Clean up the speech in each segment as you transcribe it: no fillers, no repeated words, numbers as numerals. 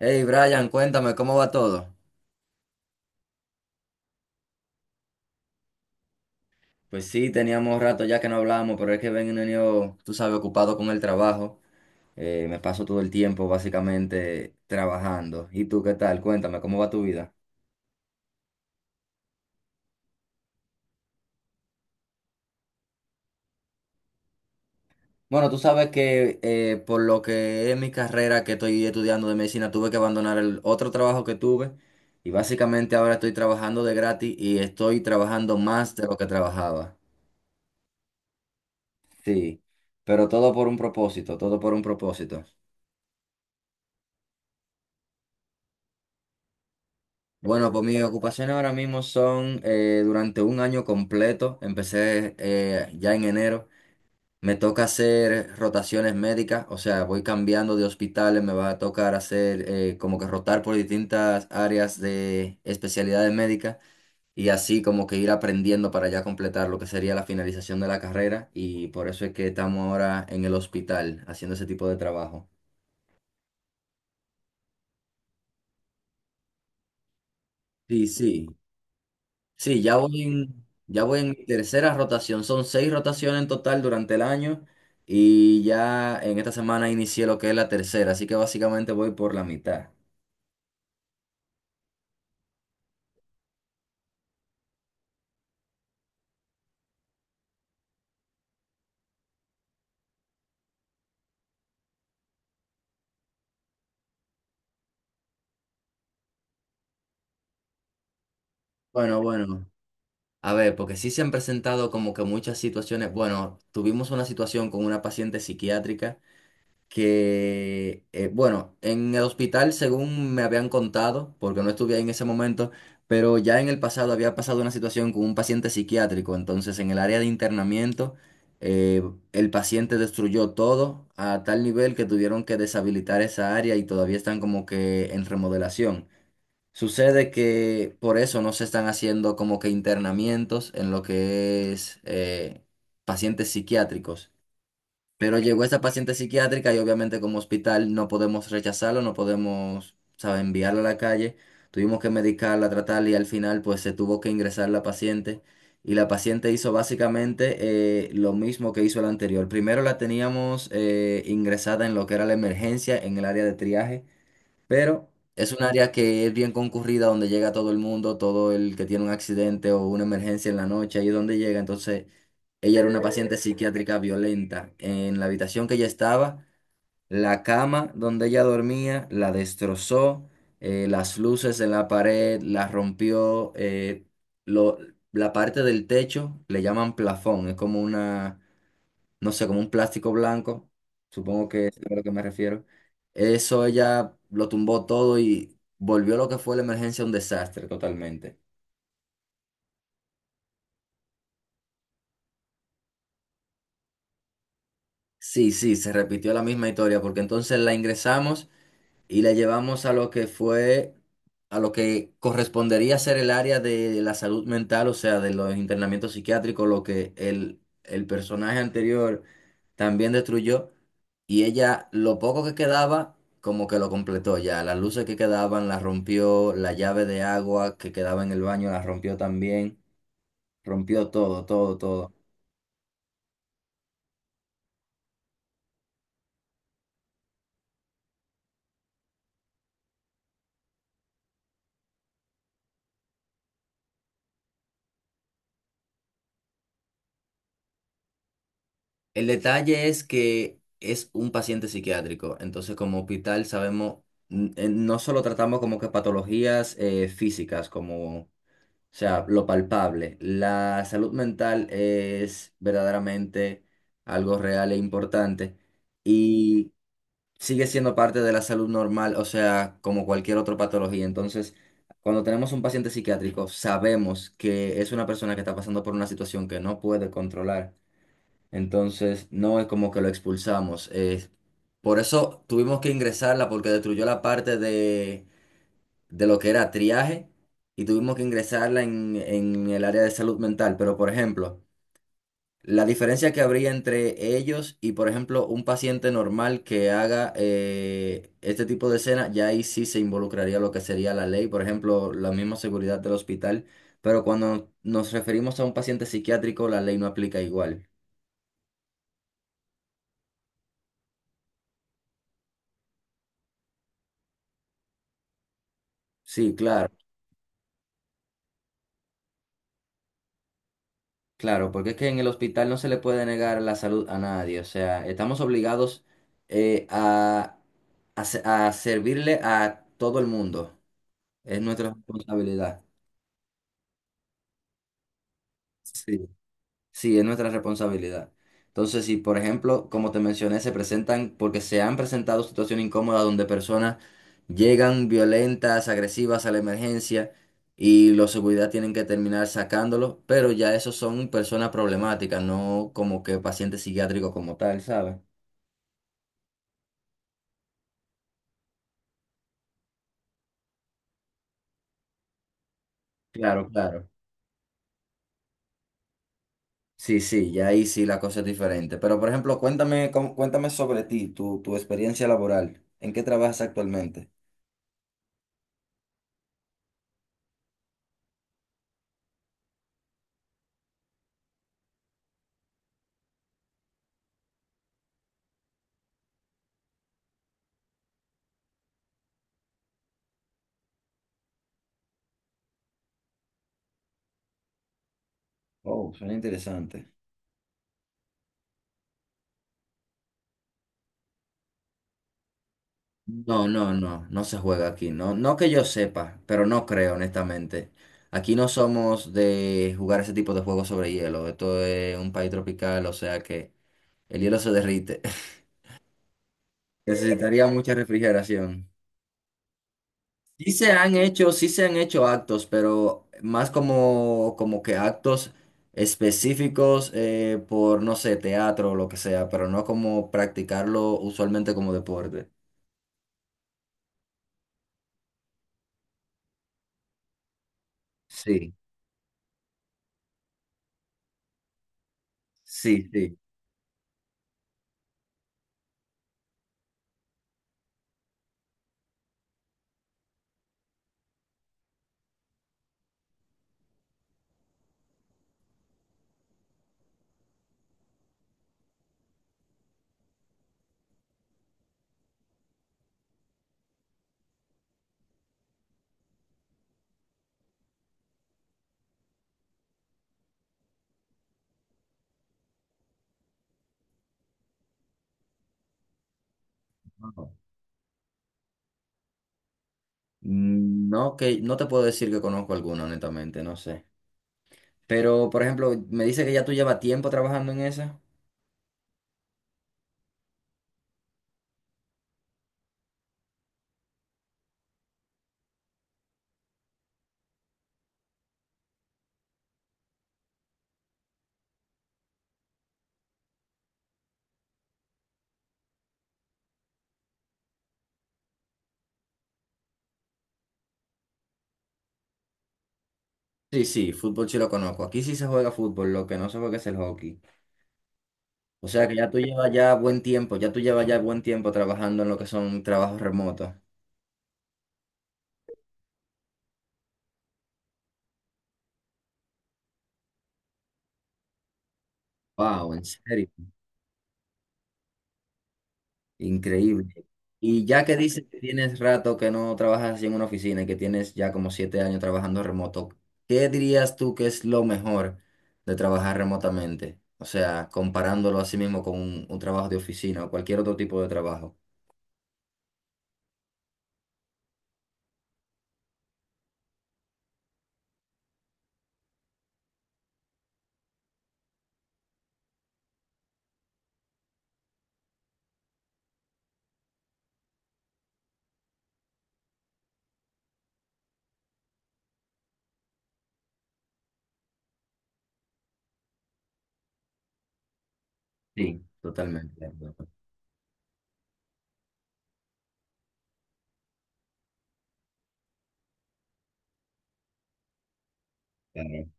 Hey Brian, cuéntame, ¿cómo va todo? Pues sí, teníamos rato ya que no hablábamos, pero es que venido, tú sabes, ocupado con el trabajo. Me paso todo el tiempo básicamente trabajando. ¿Y tú qué tal? Cuéntame, ¿cómo va tu vida? Bueno, tú sabes que por lo que es mi carrera que estoy estudiando de medicina, tuve que abandonar el otro trabajo que tuve y básicamente ahora estoy trabajando de gratis y estoy trabajando más de lo que trabajaba. Sí, pero todo por un propósito, todo por un propósito. Bueno, pues mis ocupaciones ahora mismo son durante un año completo, empecé ya en enero, me toca hacer rotaciones médicas, o sea, voy cambiando de hospitales, me va a tocar hacer como que rotar por distintas áreas de especialidades médicas y así como que ir aprendiendo para ya completar lo que sería la finalización de la carrera y por eso es que estamos ahora en el hospital haciendo ese tipo de trabajo. Sí, sí. Sí, ya voy en mi tercera rotación. Son seis rotaciones en total durante el año y ya en esta semana inicié lo que es la tercera, así que básicamente voy por la mitad. Bueno, bueno, a ver, porque sí se han presentado como que muchas situaciones. Bueno, tuvimos una situación con una paciente psiquiátrica que, bueno, en el hospital, según me habían contado, porque no estuve ahí en ese momento, pero ya en el pasado había pasado una situación con un paciente psiquiátrico, entonces en el área de internamiento, eh, el paciente destruyó todo a tal nivel que tuvieron que deshabilitar esa área y todavía están como que en remodelación. Sucede que por eso no se están haciendo como que internamientos en lo que es pacientes psiquiátricos. Pero llegó esa paciente psiquiátrica y obviamente como hospital no podemos rechazarlo, no podemos, ¿sabes?, enviarla a la calle. Tuvimos que medicarla, tratarla y al final pues se tuvo que ingresar la paciente. Y la paciente hizo básicamente lo mismo que hizo la anterior. Primero la teníamos ingresada en lo que era la emergencia, en el área de triaje. Pero es un área que es bien concurrida, donde llega todo el mundo, todo el que tiene un accidente o una emergencia en la noche, ahí es donde llega. Entonces, ella era una paciente psiquiátrica violenta. En la habitación que ella estaba, la cama donde ella dormía la destrozó, las luces en la pared la rompió, lo- la parte del techo le llaman plafón, es como una no sé, como un plástico blanco, supongo que es, sí, a lo que me refiero. Eso ella lo tumbó todo y volvió lo que fue la emergencia un desastre totalmente. Sí, sí, se repitió la misma historia porque entonces la ingresamos y la llevamos a lo que fue, a lo que correspondería ser el área de la salud mental, o sea, de los internamientos psiquiátricos, lo que el personaje anterior también destruyó. Y ella, lo poco que quedaba, como que lo completó ya. Las luces que quedaban las rompió, la llave de agua que quedaba en el baño la rompió también. Rompió todo, todo, todo. El detalle es que es un paciente psiquiátrico, entonces como hospital sabemos, no solo tratamos como que patologías físicas, como, o sea, lo palpable. La salud mental es verdaderamente algo real e importante y sigue siendo parte de la salud normal, o sea, como cualquier otra patología. Entonces, cuando tenemos un paciente psiquiátrico, sabemos que es una persona que está pasando por una situación que no puede controlar. Entonces, no es como que lo expulsamos. Por eso tuvimos que ingresarla porque destruyó la parte de lo que era triaje y tuvimos que ingresarla en el área de salud mental. Pero, por ejemplo, la diferencia que habría entre ellos y, por ejemplo, un paciente normal que haga este tipo de escena, ya ahí sí se involucraría lo que sería la ley, por ejemplo, la misma seguridad del hospital. Pero cuando nos referimos a un paciente psiquiátrico, la ley no aplica igual. Sí, claro. Claro, porque es que en el hospital no se le puede negar la salud a nadie, o sea, estamos obligados eh, a, a a servirle a todo el mundo, es nuestra responsabilidad. Sí. Sí, es nuestra responsabilidad. Entonces, si por ejemplo, como te mencioné, se presentan, porque se han presentado situaciones incómodas donde personas llegan violentas, agresivas a la emergencia y los seguridad tienen que terminar sacándolos, pero ya esos son personas problemáticas, no como que pacientes psiquiátricos como tal, ¿sabes? Claro, claro. Sí, sí, ya ahí sí la cosa es diferente. Pero por ejemplo, cuéntame, cómo- cuéntame sobre ti, tu experiencia laboral. ¿En qué trabajas actualmente? Oh, suena interesante. No, no, no, no se juega aquí, no, no que yo sepa, pero no creo, honestamente. Aquí no somos de jugar ese tipo de juegos sobre hielo. Esto es un país tropical, o sea que el hielo se derrite. Necesitaría mucha refrigeración. Sí se han hecho, sí se han hecho actos, pero más como que actos específicos por, no sé, teatro o lo que sea, pero no como practicarlo usualmente como deporte. Sí, sí, sí. No, que no te puedo decir que conozco alguno, honestamente, no sé. Pero, por ejemplo, me dice que ya tú llevas tiempo trabajando en esa. Sí, sí, fútbol sí lo conozco. Aquí sí se juega fútbol, lo que no se juega es el hockey. O sea que ya tú llevas ya buen tiempo, ya tú llevas ya buen tiempo trabajando en lo que son trabajos remotos. Wow, en serio. Increíble. Y ya que dices que tienes rato que no trabajas así en una oficina y que tienes ya como 7 años trabajando remoto, ¿qué dirías tú que es lo mejor de trabajar remotamente? O sea, comparándolo así mismo con un trabajo de oficina o cualquier otro tipo de trabajo. Sí, totalmente de acuerdo. Claro.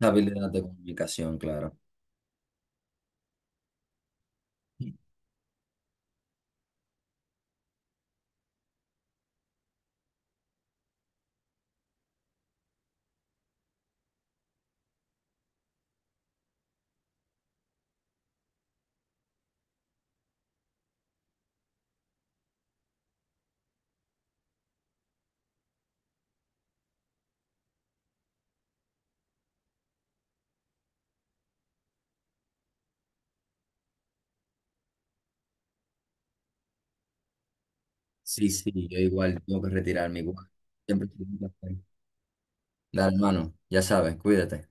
Habilidad de comunicación, claro. Sí, sí, yo igual tengo que retirarme igual. Siempre es un placer. Dale, hermano, ya sabes, cuídate.